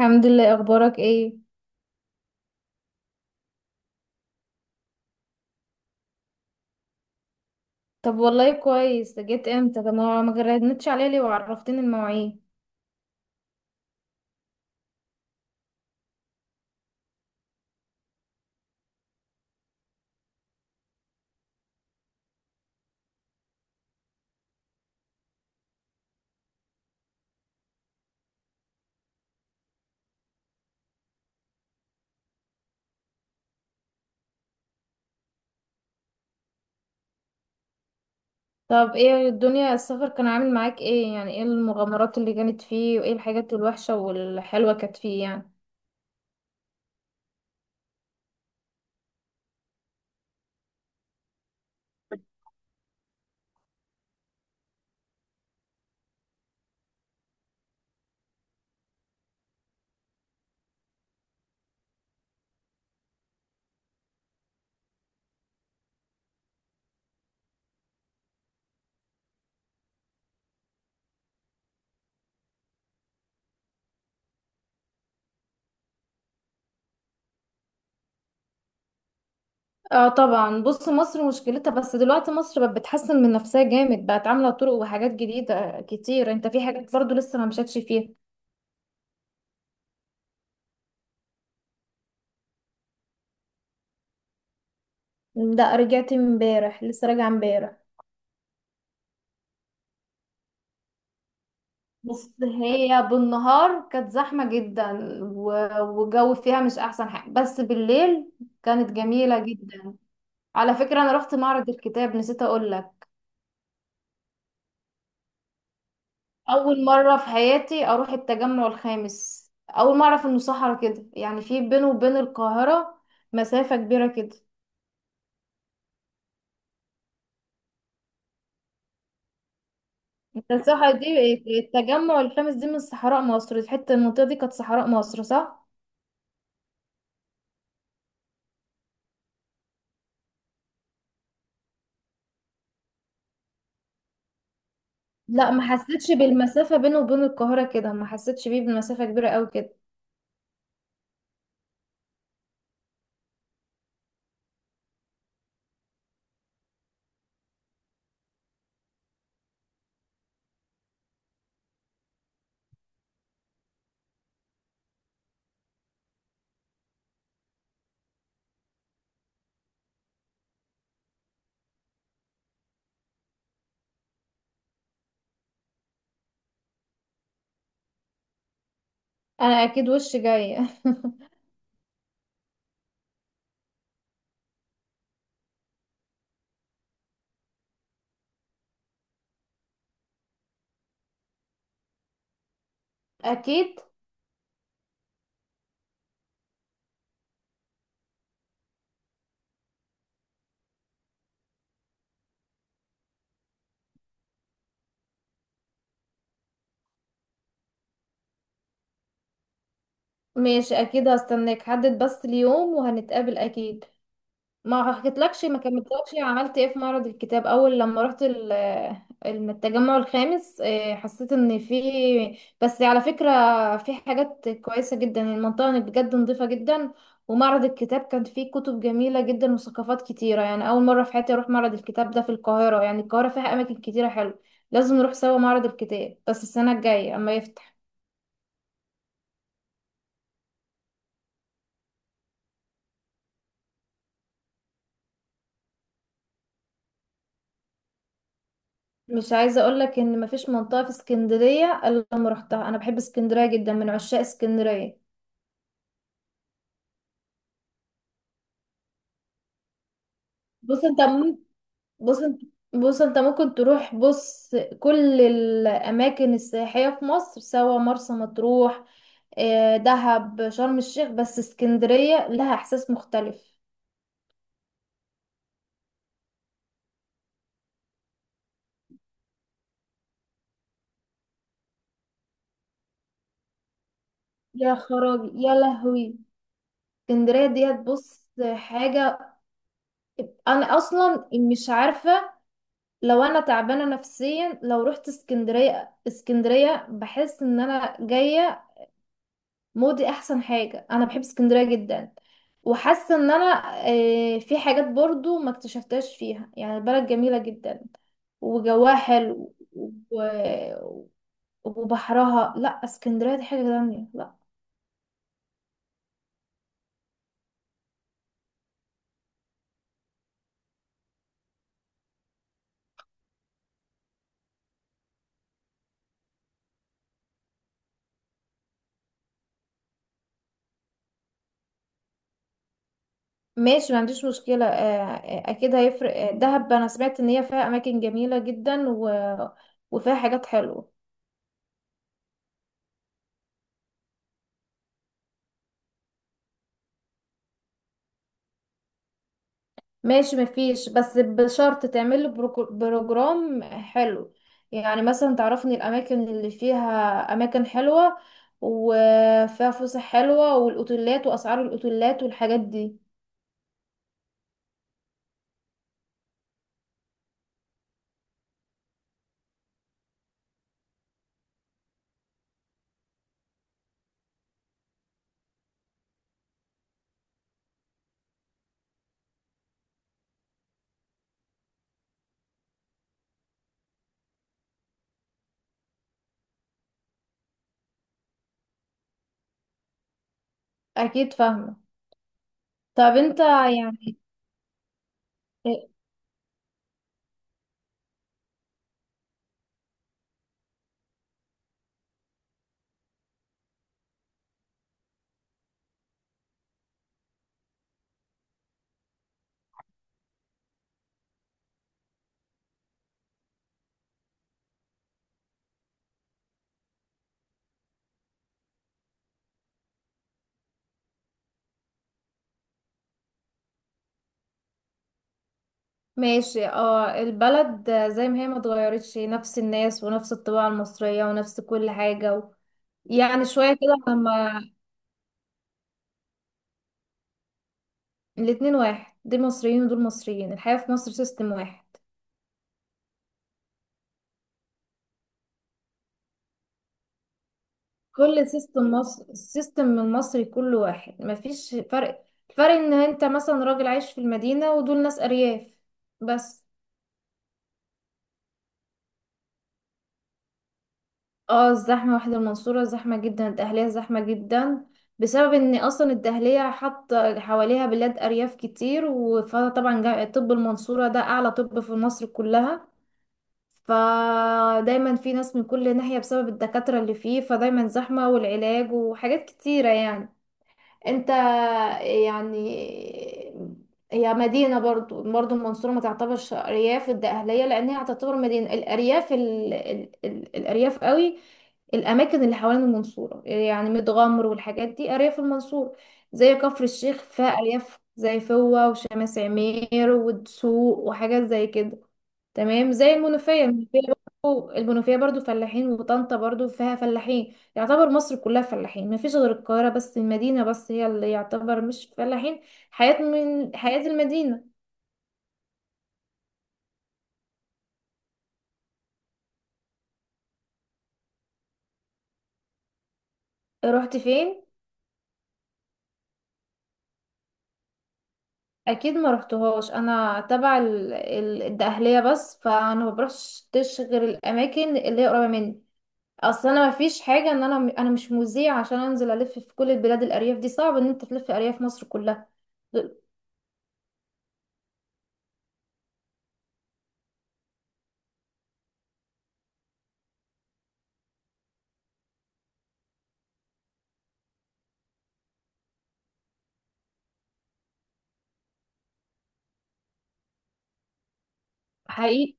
الحمد لله، اخبارك ايه؟ طب والله كويس، جيت امتى؟ طب ما جردتش عليا ليه وعرفتني المواعيد؟ طب ايه الدنيا؟ السفر كان عامل معاك ايه يعني؟ ايه المغامرات اللي كانت فيه وايه الحاجات الوحشة والحلوة كانت فيه يعني؟ اه طبعا. بص، مصر مشكلتها بس دلوقتي مصر بقت بتحسن من نفسها جامد، بقت عاملة طرق وحاجات جديدة كتير. انت في حاجات برضو لسه ما مشيتش فيها. لا، رجعت امبارح، لسه راجعة امبارح. بص، هي بالنهار كانت زحمة جدا، والجو فيها مش أحسن حاجة، بس بالليل كانت جميلة جدا. على فكرة أنا رحت معرض الكتاب، نسيت أقول لك. أول مرة في حياتي أروح التجمع الخامس، أول مرة أعرف إنه صحرا كده يعني، في بينه وبين القاهرة مسافة كبيرة كده. انت الصحراء دي، التجمع الخامس دي، من صحراء مصر، الحتة المنطقة دي كانت صحراء مصر، صح؟ لا، ما حسيتش بالمسافة بينه وبين القاهرة كده، ما حسيتش بيه بالمسافة كبيرة قوي كده. انا اكيد وش جاية اكيد. ماشي، اكيد هستناك، حدد بس اليوم وهنتقابل اكيد. ما حكيتلكش، ما كملتلكش عملت ايه في معرض الكتاب اول لما رحت التجمع الخامس. حسيت ان في، بس على فكرة، في حاجات كويسة جدا. المنطقة هناك بجد نظيفة جدا، ومعرض الكتاب كان فيه كتب جميلة جدا وثقافات كتيرة يعني. اول مرة في حياتي اروح معرض الكتاب ده في القاهرة، يعني القاهرة فيها اماكن كتيرة حلوة. لازم نروح سوا معرض الكتاب، بس السنة الجاية اما يفتح. مش عايزة اقولك ان مفيش منطقة في اسكندرية الا لما روحتها، انا بحب اسكندرية جدا، من عشاق اسكندرية. بص انت ممكن بص انت بص، انت ممكن تروح، بص، كل الاماكن السياحية في مصر، سواء مرسى مطروح، دهب، شرم الشيخ، بس اسكندرية لها احساس مختلف. يا خرابي يا لهوي، اسكندرية ديت بص حاجة. انا اصلا مش عارفة، لو انا تعبانه نفسيا، لو رحت اسكندريه، اسكندريه بحس ان انا جايه مودي. احسن حاجه، انا بحب اسكندريه جدا. وحاسه ان انا، في حاجات برضو ما اكتشفتهاش فيها، يعني البلد جميله جدا وجواها حلو، و- وبحرها، لا اسكندريه دي حاجه تانية، لا. ماشي، ما عنديش مشكله. اكيد هيفرق. دهب انا سمعت ان هي فيها اماكن جميله جدا وفيها حاجات حلوه. ماشي، مفيش، بس بشرط تعمل له بروجرام حلو، يعني مثلا تعرفني الاماكن اللي فيها اماكن حلوه وفيها فسح حلوه والاوتيلات واسعار الاوتيلات والحاجات دي. اكيد فاهمه. طب انت يعني... إيه؟ ماشي، اه البلد زي ما هي، ما اتغيرتش، نفس الناس ونفس الطباع المصريه ونفس كل حاجه، يعني شويه كده لما... الاتنين واحد، دول مصريين ودول مصريين، الحياه في مصر سيستم واحد. كل سيستم مصر، السيستم المصري كله واحد، مفيش فرق. الفرق ان انت مثلا راجل عايش في المدينة ودول ناس ارياف، بس. اه، الزحمة واحد. المنصورة زحمة جدا، الدهلية زحمة جدا، بسبب ان اصلا الدهلية حاطة حواليها بلاد ارياف كتير، فطبعا طب المنصورة ده اعلى طب في مصر كلها، فدايما في ناس من كل ناحية بسبب الدكاترة اللي فيه، فدايما زحمة والعلاج وحاجات كتيرة يعني. انت يعني، هي مدينة برضو، برضو المنصورة ما تعتبرش أرياف الدقهلية، لأن هي تعتبر مدينة. الأرياف الأرياف قوي، الأماكن اللي حوالين المنصورة، يعني متغمر والحاجات دي أرياف المنصورة، زي كفر الشيخ فيها أرياف زي فوة وشمس عمير والدسوق وحاجات زي كده. تمام. زي المنوفية، المنوفية برضو، المنوفية برضو فلاحين، وطنطا برضو فيها فلاحين. يعتبر مصر كلها فلاحين، مفيش غير القاهرة بس، المدينة بس هي اللي يعتبر مش فلاحين، حياة من حياة المدينة. رحت فين؟ اكيد ما رحتهاش، انا تبع الدقهلية بس، فانا ما بروحش غير الاماكن اللي هي قريبة مني. اصل انا مفيش حاجة ان انا مش مذيع عشان انزل الف في كل البلاد الارياف دي، صعب ان انت تلف ارياف مصر كلها. حقيقي،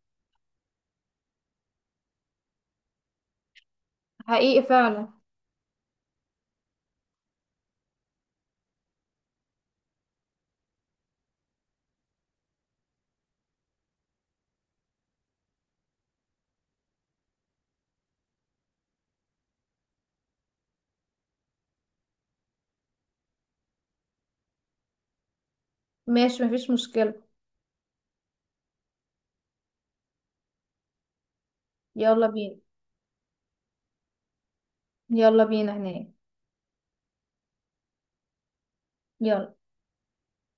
حقيقي فعلا. ماشي، مفيش مشكلة. يلا بينا، يلا بينا هناك. يلا.